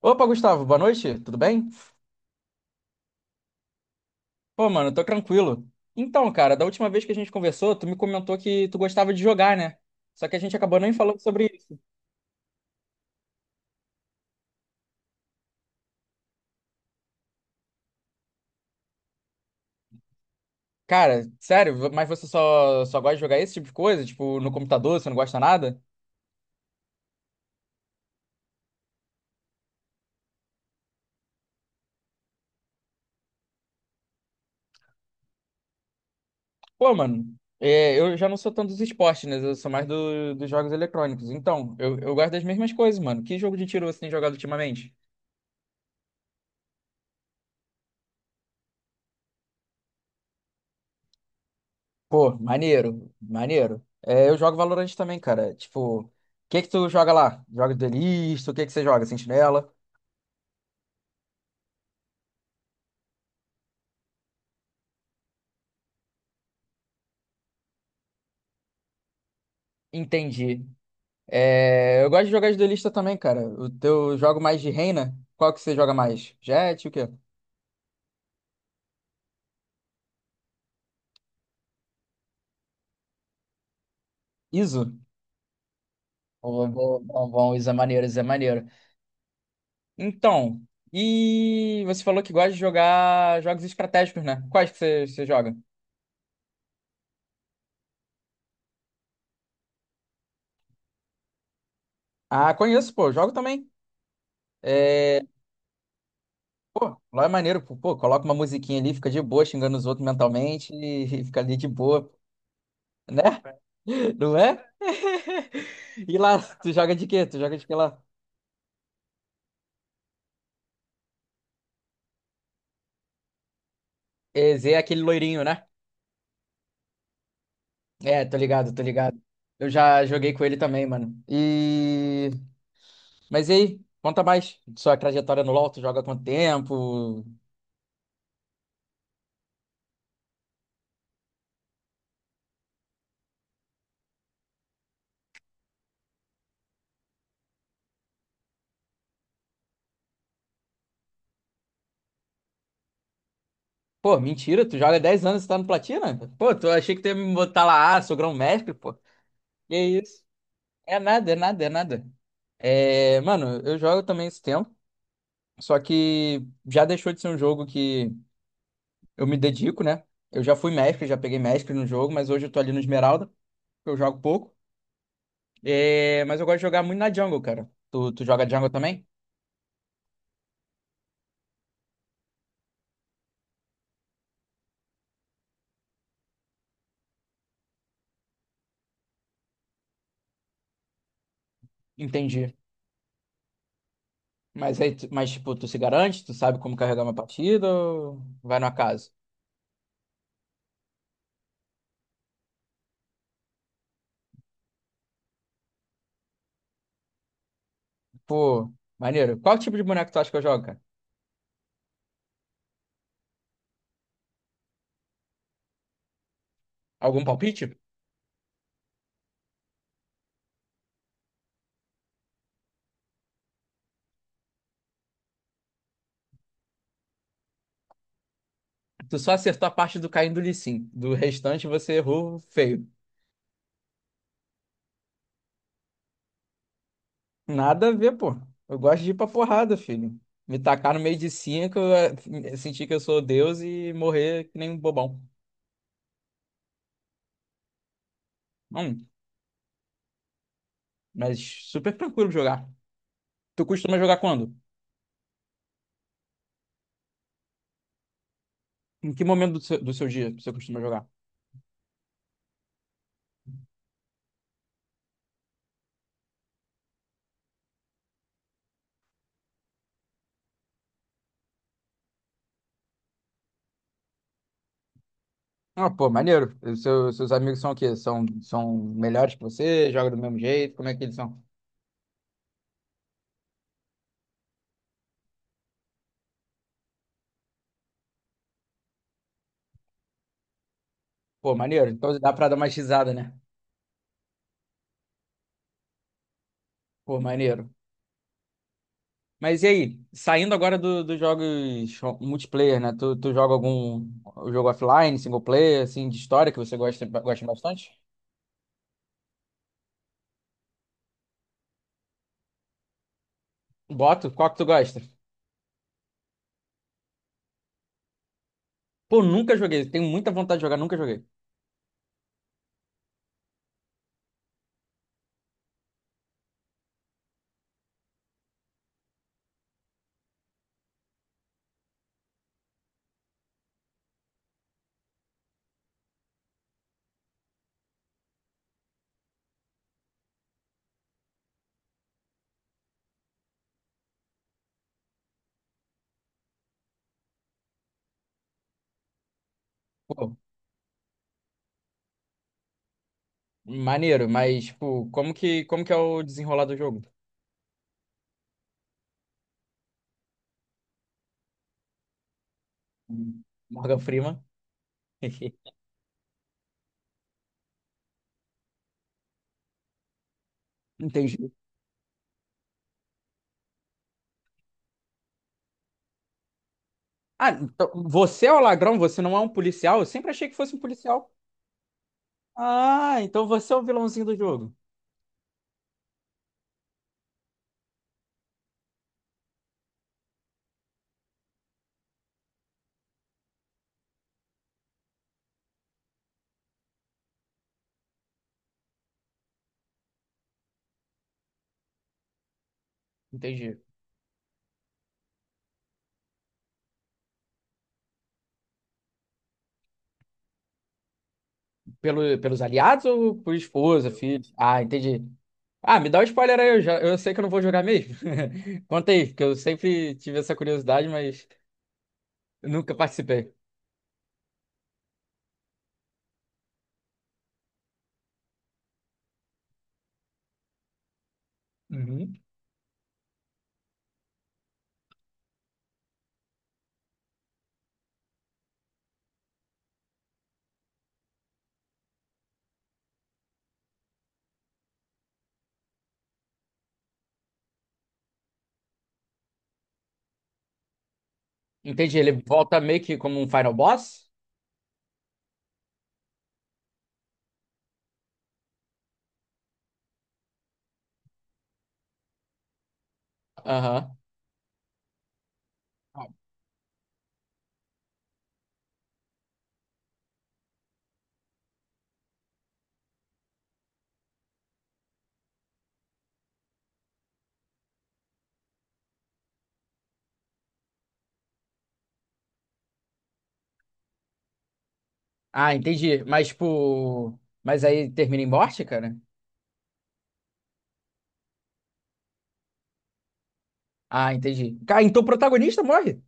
Opa, Gustavo, boa noite, tudo bem? Pô, mano, tô tranquilo. Então, cara, da última vez que a gente conversou, tu me comentou que tu gostava de jogar, né? Só que a gente acabou nem falando sobre isso. Cara, sério, mas você só gosta de jogar esse tipo de coisa? Tipo, no computador, você não gosta nada? Pô, mano, é, eu já não sou tanto dos esportes, né? Eu sou mais dos jogos eletrônicos. Então, eu gosto das mesmas coisas, mano. Que jogo de tiro você tem jogado ultimamente? Pô, maneiro. É, eu jogo Valorant também, cara. Tipo, o que que tu joga lá? Joga duelista? O que que você joga? Sentinela? Entendi. É, eu gosto de jogar de duelista também, cara. O teu jogo mais de reina? Qual que você joga mais? Jet, o quê? Iso? Pô, bom, Iso é maneiro, Iso é maneiro. Então, e você falou que gosta de jogar jogos estratégicos, né? Quais que você joga? Ah, conheço, pô. Jogo também. É, pô, lá é maneiro, pô, coloca uma musiquinha ali, fica de boa, xingando os outros mentalmente e fica ali de boa, né? Não é? E lá, tu joga de quê? Tu joga de que lá? É, Zé é aquele loirinho, né? É, tô ligado. Eu já joguei com ele também, mano. E. Mas e aí? Conta mais. Sua trajetória no LoL, tu joga há quanto tempo? Pô, mentira, tu joga há 10 anos e tá no Platina? Pô, tu achei que tu ia me botar lá, ah, sou grão-mestre, pô. Que isso? É nada. É, mano, eu jogo também esse tempo. Só que já deixou de ser um jogo que eu me dedico, né? Eu já fui mestre, já peguei mestre no jogo, mas hoje eu tô ali no Esmeralda, que eu jogo pouco. É, mas eu gosto de jogar muito na jungle, cara. Tu joga jungle também? Entendi. Mas aí, mas tipo, tu se garante? Tu sabe como carregar uma partida ou vai no acaso? Pô, maneiro. Qual tipo de boneco tu acha que eu jogo, cara? Algum palpite? Tu só acertou a parte do caindo do Lee Sin. Do restante você errou feio. Nada a ver, pô. Eu gosto de ir pra porrada, filho. Me tacar no meio de cinco, sentir que eu sou Deus e morrer que nem um bobão. Hum, mas super tranquilo de jogar. Tu costuma jogar quando? Em que momento do seu dia você costuma jogar? Ah, pô, maneiro. Os seus amigos são o quê? São melhores que você? Jogam do mesmo jeito? Como é que eles são? Pô, maneiro. Então dá pra dar uma xizada, né? Pô, maneiro. Mas e aí, saindo agora dos jogos multiplayer, né? Tu joga algum jogo offline, single player, assim, de história que você gosta, gosta bastante? Boto, qual que tu gosta? Pô, nunca joguei, tenho muita vontade de jogar, nunca joguei. Pô, maneiro, mas, tipo, como que é o desenrolar do jogo? Hum, Morgan Freeman. Entendi. Ah, então você é o ladrão, você não é um policial? Eu sempre achei que fosse um policial. Ah, então você é o vilãozinho do jogo. Entendi. Pelos aliados ou por esposa, filho? Ah, entendi. Ah, me dá um spoiler aí, eu sei que eu não vou jogar mesmo. Conta aí, porque eu sempre tive essa curiosidade, mas nunca participei. Uhum. Entendi, ele volta meio que como um final boss? Aham. Ah, entendi. Mas, tipo. Mas aí termina em morte, cara? Ah, entendi. Cara, então o protagonista morre?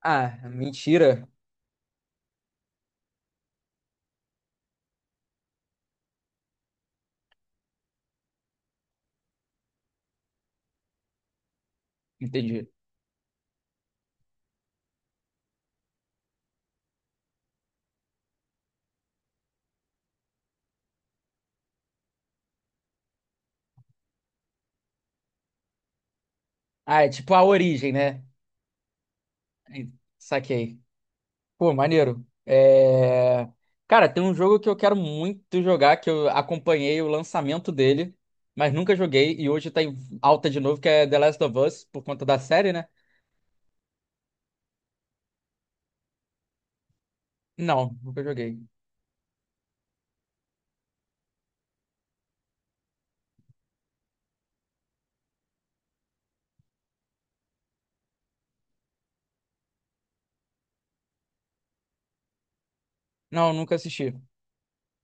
Ah, mentira. Entendi. Ah, é tipo a origem, né? Saquei. Pô, maneiro. É... Cara, tem um jogo que eu quero muito jogar, que eu acompanhei o lançamento dele, mas nunca joguei, e hoje tá em alta de novo, que é The Last of Us, por conta da série, né? Não, nunca joguei. Não, nunca assisti.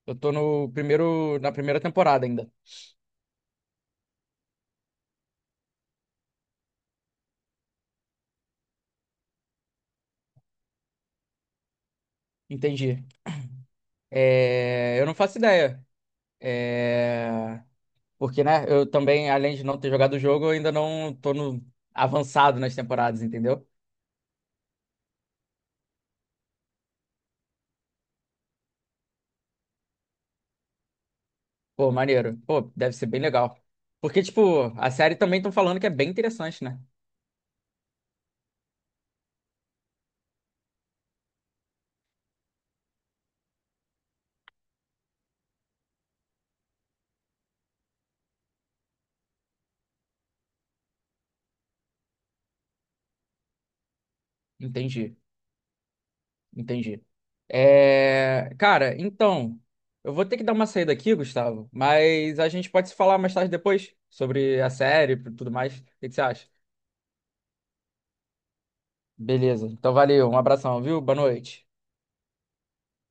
Eu tô no primeiro, na primeira temporada ainda. Entendi. É... Eu não faço ideia. É... Porque, né, eu também, além de não ter jogado o jogo, eu ainda não tô no avançado nas temporadas, entendeu? Pô, maneiro. Pô, deve ser bem legal. Porque, tipo, a série também estão falando que é bem interessante, né? Entendi, entendi. É... Cara, então, eu vou ter que dar uma saída aqui, Gustavo, mas a gente pode se falar mais tarde depois sobre a série e tudo mais. O que que você acha? Beleza. Então, valeu. Um abração, viu? Boa noite.